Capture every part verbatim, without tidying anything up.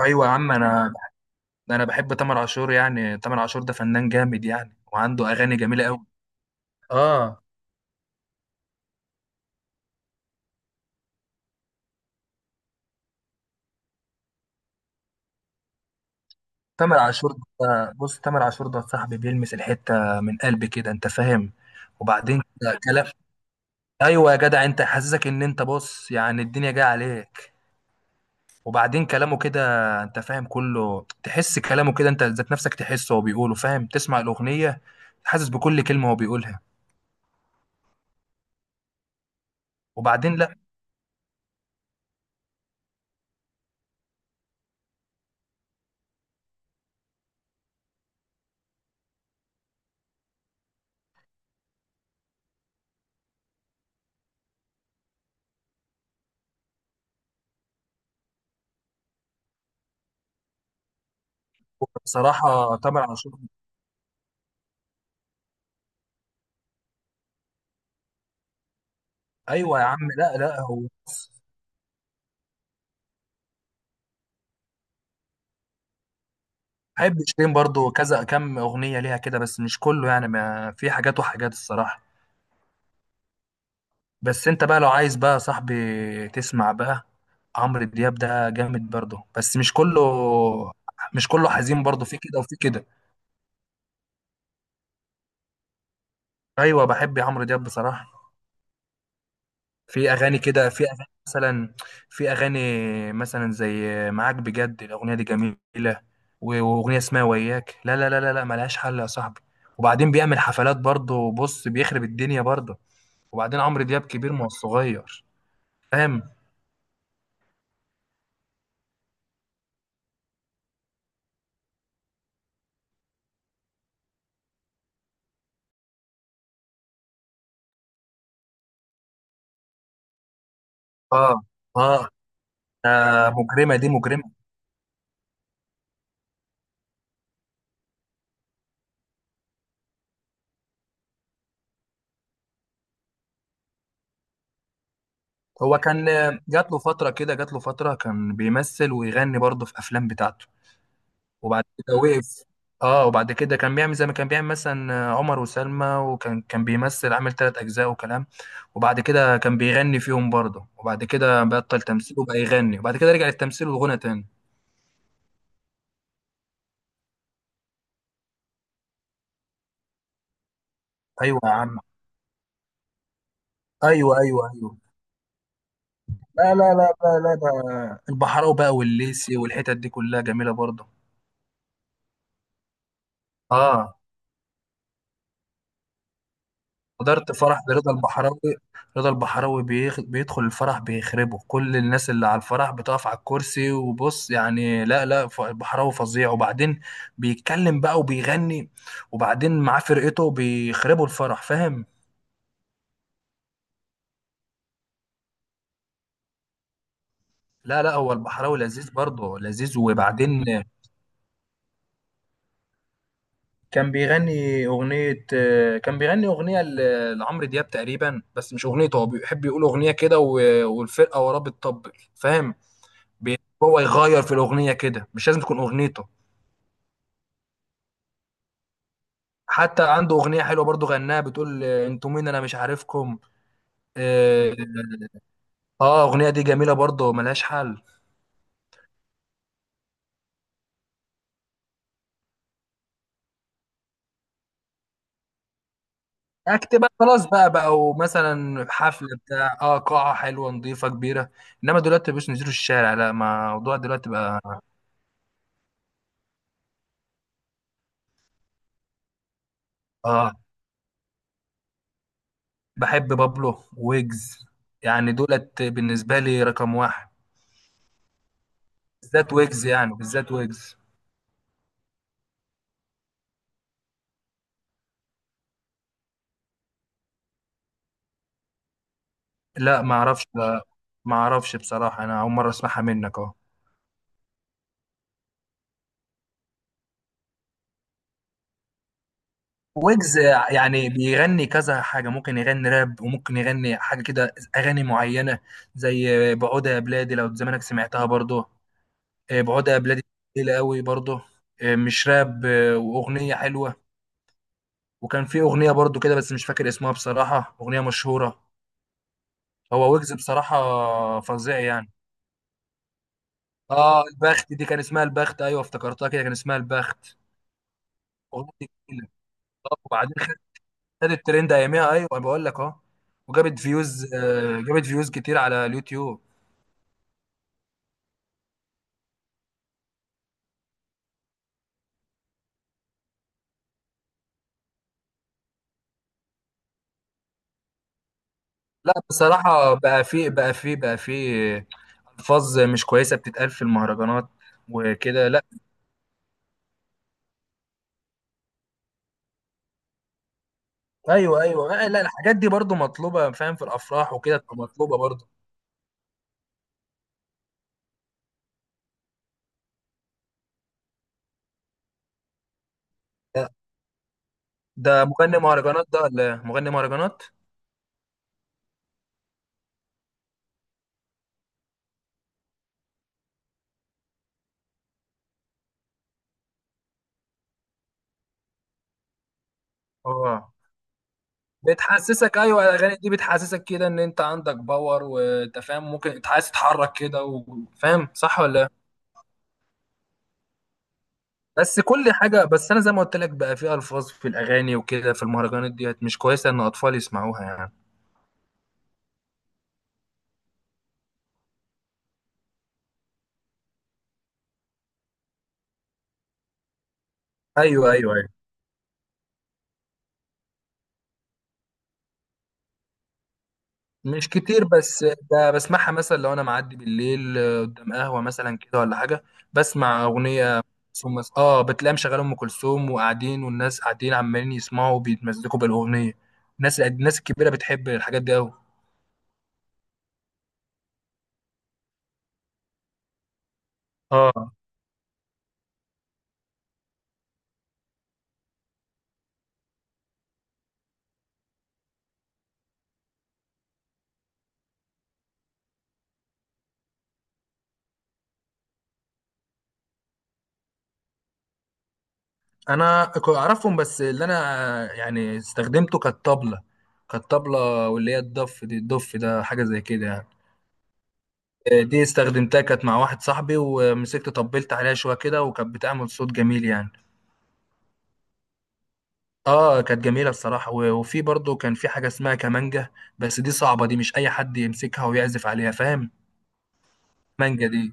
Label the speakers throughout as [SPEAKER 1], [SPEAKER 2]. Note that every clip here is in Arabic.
[SPEAKER 1] ايوه يا عم، انا انا بحب تامر عاشور. يعني تامر عاشور ده فنان جامد يعني، وعنده اغاني جميله قوي. اه، تامر عاشور ده، بص، تامر عاشور ده صاحبي، بيلمس الحته من قلبي كده، انت فاهم؟ وبعدين كده كلام. ايوه يا جدع، انت حاسسك ان انت، بص، يعني الدنيا جايه عليك. وبعدين كلامه كده، انت فاهم، كله تحس كلامه كده. انت ذات نفسك تحسه وهو بيقوله، فاهم؟ تسمع الاغنيه، حاسس بكل كلمه هو بيقولها. وبعدين لا، بصراحه تامر عاشور. ايوه يا عم. لا لا، هو بحب شيرين برضو كذا كم اغنيه ليها كده، بس مش كله يعني، ما في حاجات وحاجات الصراحه. بس انت بقى لو عايز بقى يا صاحبي تسمع بقى، عمرو دياب ده جامد برضو بس مش كله مش كله حزين برضو، في كده وفي كده. ايوه، بحب عمرو دياب بصراحه. في اغاني كده في اغاني مثلا في اغاني مثلا زي معاك بجد، الاغنيه دي جميله. و- واغنيه اسمها وياك، لا لا لا لا لا، ملهاش حل يا صاحبي. وبعدين بيعمل حفلات برضه، بص، بيخرب الدنيا برضه. وبعدين عمرو دياب كبير، ما هو صغير. فاهم؟ اه، اه، آه، مجرمه دي مجرمه. هو كان جات له فتره كده، جات له فتره كان بيمثل ويغني برضه في افلام بتاعته. وبعد كده وقف. اه، وبعد كده كان بيعمل زي ما كان بيعمل مثلا عمر وسلمى، وكان كان بيمثل عامل ثلاث اجزاء وكلام. وبعد كده كان بيغني فيهم برضه، وبعد كده بطل تمثيل وبقى يغني، وبعد كده رجع للتمثيل والغنى تاني. ايوه يا عم. ايوه، ايوه، ايوه. لا، لا، لا، لا، لا، البحراوي بقى والليسي والحتت دي كلها جميله برضه. اه، حضرت فرح رضا البحراوي. رضا البحراوي بيخ... بيدخل الفرح بيخربه، كل الناس اللي على الفرح بتقف على الكرسي. وبص يعني، لا لا، ف- البحراوي فظيع. وبعدين بيتكلم بقى وبيغني. وبعدين معاه فرقته بيخربوا الفرح، فاهم؟ لا لا، هو البحراوي لذيذ برضه، لذيذ. وبعدين كان بيغني أغنية آه، كان بيغني أغنية ل- لعمرو دياب تقريبا، بس مش أغنيته. هو بيحب يقول أغنية كده، و- والفرقة وراه بتطبل، فاهم؟ بي- هو يغير في الأغنية كده، مش لازم تكون أغنيته. حتى عنده أغنية حلوة برضو، غناها بتقول آه، أنتوا مين أنا مش عارفكم. آه، آه، أغنية دي جميلة برضو، ملهاش حل. أكتب بقى، خلاص. بقى بقى مثلا حفلة بتاع آه قاعة حلوة نظيفة كبيرة. إنما دلوقتي مش نزلوا الشارع، لا، ما الموضوع دلوقتي بقى. آه، بحب بابلو ويجز، يعني دولت بالنسبة لي رقم واحد. بالذات ويجز، يعني بالذات ويجز. لا، ما اعرفش. لا، ما اعرفش بصراحة، انا اول مرة اسمعها منك اهو. ويجز يعني بيغني كذا حاجة، ممكن يغني راب وممكن يغني حاجة كده اغاني معينة، زي بعودة يا بلادي، لو زمانك سمعتها برضه. آه، بعودة يا بلادي تقيلة قوي برضه، آه، مش راب، آه، واغنية حلوة. وكان في اغنية برضه كده، بس مش فاكر اسمها بصراحة، اغنية مشهورة. هو ويجز بصراحة فظيع يعني. اه، البخت. دي كان اسمها البخت، ايوه افتكرتها كده، كان اسمها البخت. اغنية جميلة، آه، وبعدين خدت الترند اياميها، ايوه أنا بقول لك اهو. وجابت فيوز آه، جابت فيوز كتير على اليوتيوب. لا، بصراحة بقى في بقى في بقى في الفاظ مش كويسة بتتقال في المهرجانات وكده. لا. ايوه، ايوه، آه، لا، الحاجات دي برضو مطلوبة، فاهم؟ في الافراح وكده تبقى مطلوبة برضو. ده ده مغني مهرجانات ده ولا إيه؟ مغني مهرجانات. اه، بتحسسك. ايوه، الاغاني دي بتحسسك كده ان انت عندك باور، وانت فاهم ممكن عايز تتحرك كده و- فاهم صح ولا لا؟ بس كل حاجه، بس انا زي ما قلت لك بقى، في الفاظ في الاغاني وكده، في المهرجانات ديت مش كويسه ان اطفال يسمعوها يعني. ايوه، ايوه، ايوه. مش كتير بس ب- بسمعها مثلا لو انا معدي بالليل، آه، قدام قهوه مثلا كده ولا حاجه. بسمع اغنيه، ثم اه بتلاقي مشغله ام كلثوم وقاعدين، والناس قاعدين عمالين يسمعوا وبيتمزقوا بالاغنيه. الناس الناس الكبيره بتحب الحاجات دي قوي. اه، انا ك- اعرفهم، بس اللي انا يعني استخدمته كانت طبله كانت طبله، واللي هي الضف. دي الضف ده حاجه زي كده يعني. آه، دي استخدمتها كانت مع واحد صاحبي، ومسكت طبلت عليها شويه كده، وكانت بتعمل صوت جميل يعني. اه، كانت جميله الصراحه. و- وفي برضه كان في حاجه اسمها كمانجه. بس دي صعبه، دي مش اي حد يمسكها ويعزف عليها، فاهم؟ مانجا دي،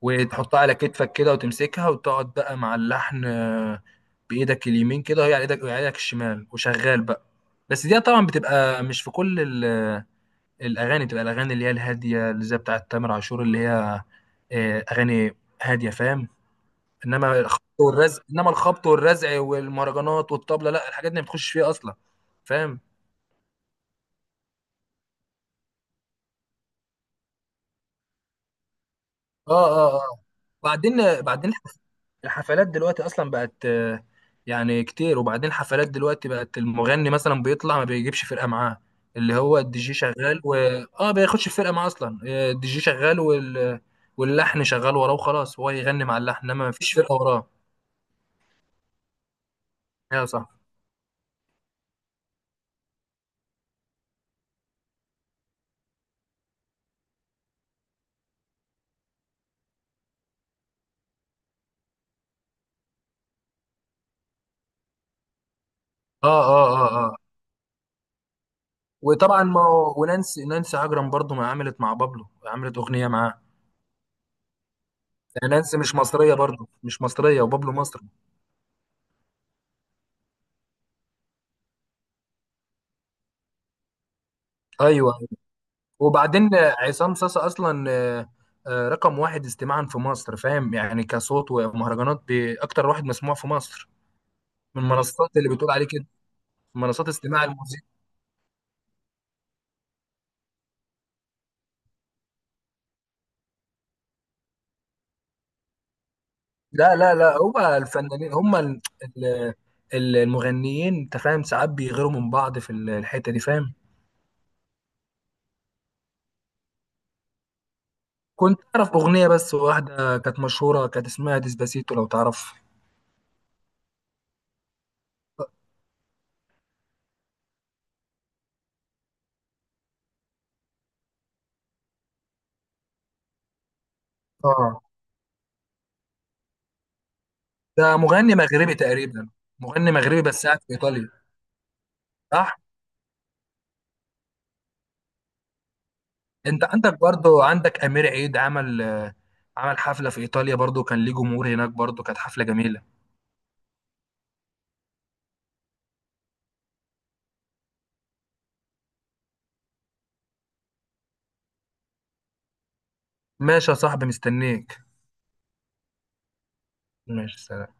[SPEAKER 1] وتحطها على كتفك كده وتمسكها وتقعد بقى مع اللحن، آه، بايدك اليمين كده وهي على ايدك، وهي على ايدك الشمال، وشغال بقى. بس دي طبعا بتبقى مش في كل ال- آه، الاغاني، بتبقى الاغاني اللي هي الهاديه، اللي زي بتاعه تامر عاشور، اللي هي آه، اغاني هاديه، فاهم؟ انما الخبط والرزع انما الخبط والرزع والمهرجانات والطبله، لا، الحاجات دي ما بتخش فيها اصلا، فاهم؟ اه، اه، اه. بعدين بعدين الحفلات دلوقتي اصلا بقت آه، يعني كتير. وبعدين الحفلات دلوقتي بقت المغني مثلا بيطلع ما بيجيبش فرقه معاه، اللي هو الدي جي شغال و. اه، بياخدش فرقه معاه اصلا، آه، الدي جي شغال وال... واللحن شغال وراه، وخلاص هو يغني مع اللحن، انما ما فيش فرقه وراه. ايوه، صح. اه، اه، اه، اه. وطبعا ما هو- ونانسي نانسي عجرم برضو، ما عملت مع بابلو، عملت اغنيه معاه. يعني نانسي مش مصريه برضو، مش مصريه، وبابلو مصري. ايوه، وبعدين عصام صاصا اصلا آه، آه، رقم واحد استماعا في مصر، فاهم؟ يعني كصوت ومهرجانات باكتر واحد مسموع في مصر. من المنصات اللي بتقول عليه كده، منصات استماع الموسيقى. لا، لا، لا، هو الفنانين هم ال- ال- ال- المغنيين، انت فاهم، ساعات بيغيروا من بعض في ال- الحته دي، فاهم؟ كنت اعرف اغنيه بس واحده، كانت مشهوره، كانت اسمها ديسباسيتو، لو تعرف. اه، ده مغني مغربي تقريبا. مغني مغربي بس قاعد في ايطاليا. صح. انت عندك برضو، عندك امير عيد عمل آه، عمل حفله في ايطاليا برضو، كان ليه جمهور هناك برضو، كانت حفله جميله. ماشي يا صاحبي، مستنيك. ماشي، سلام.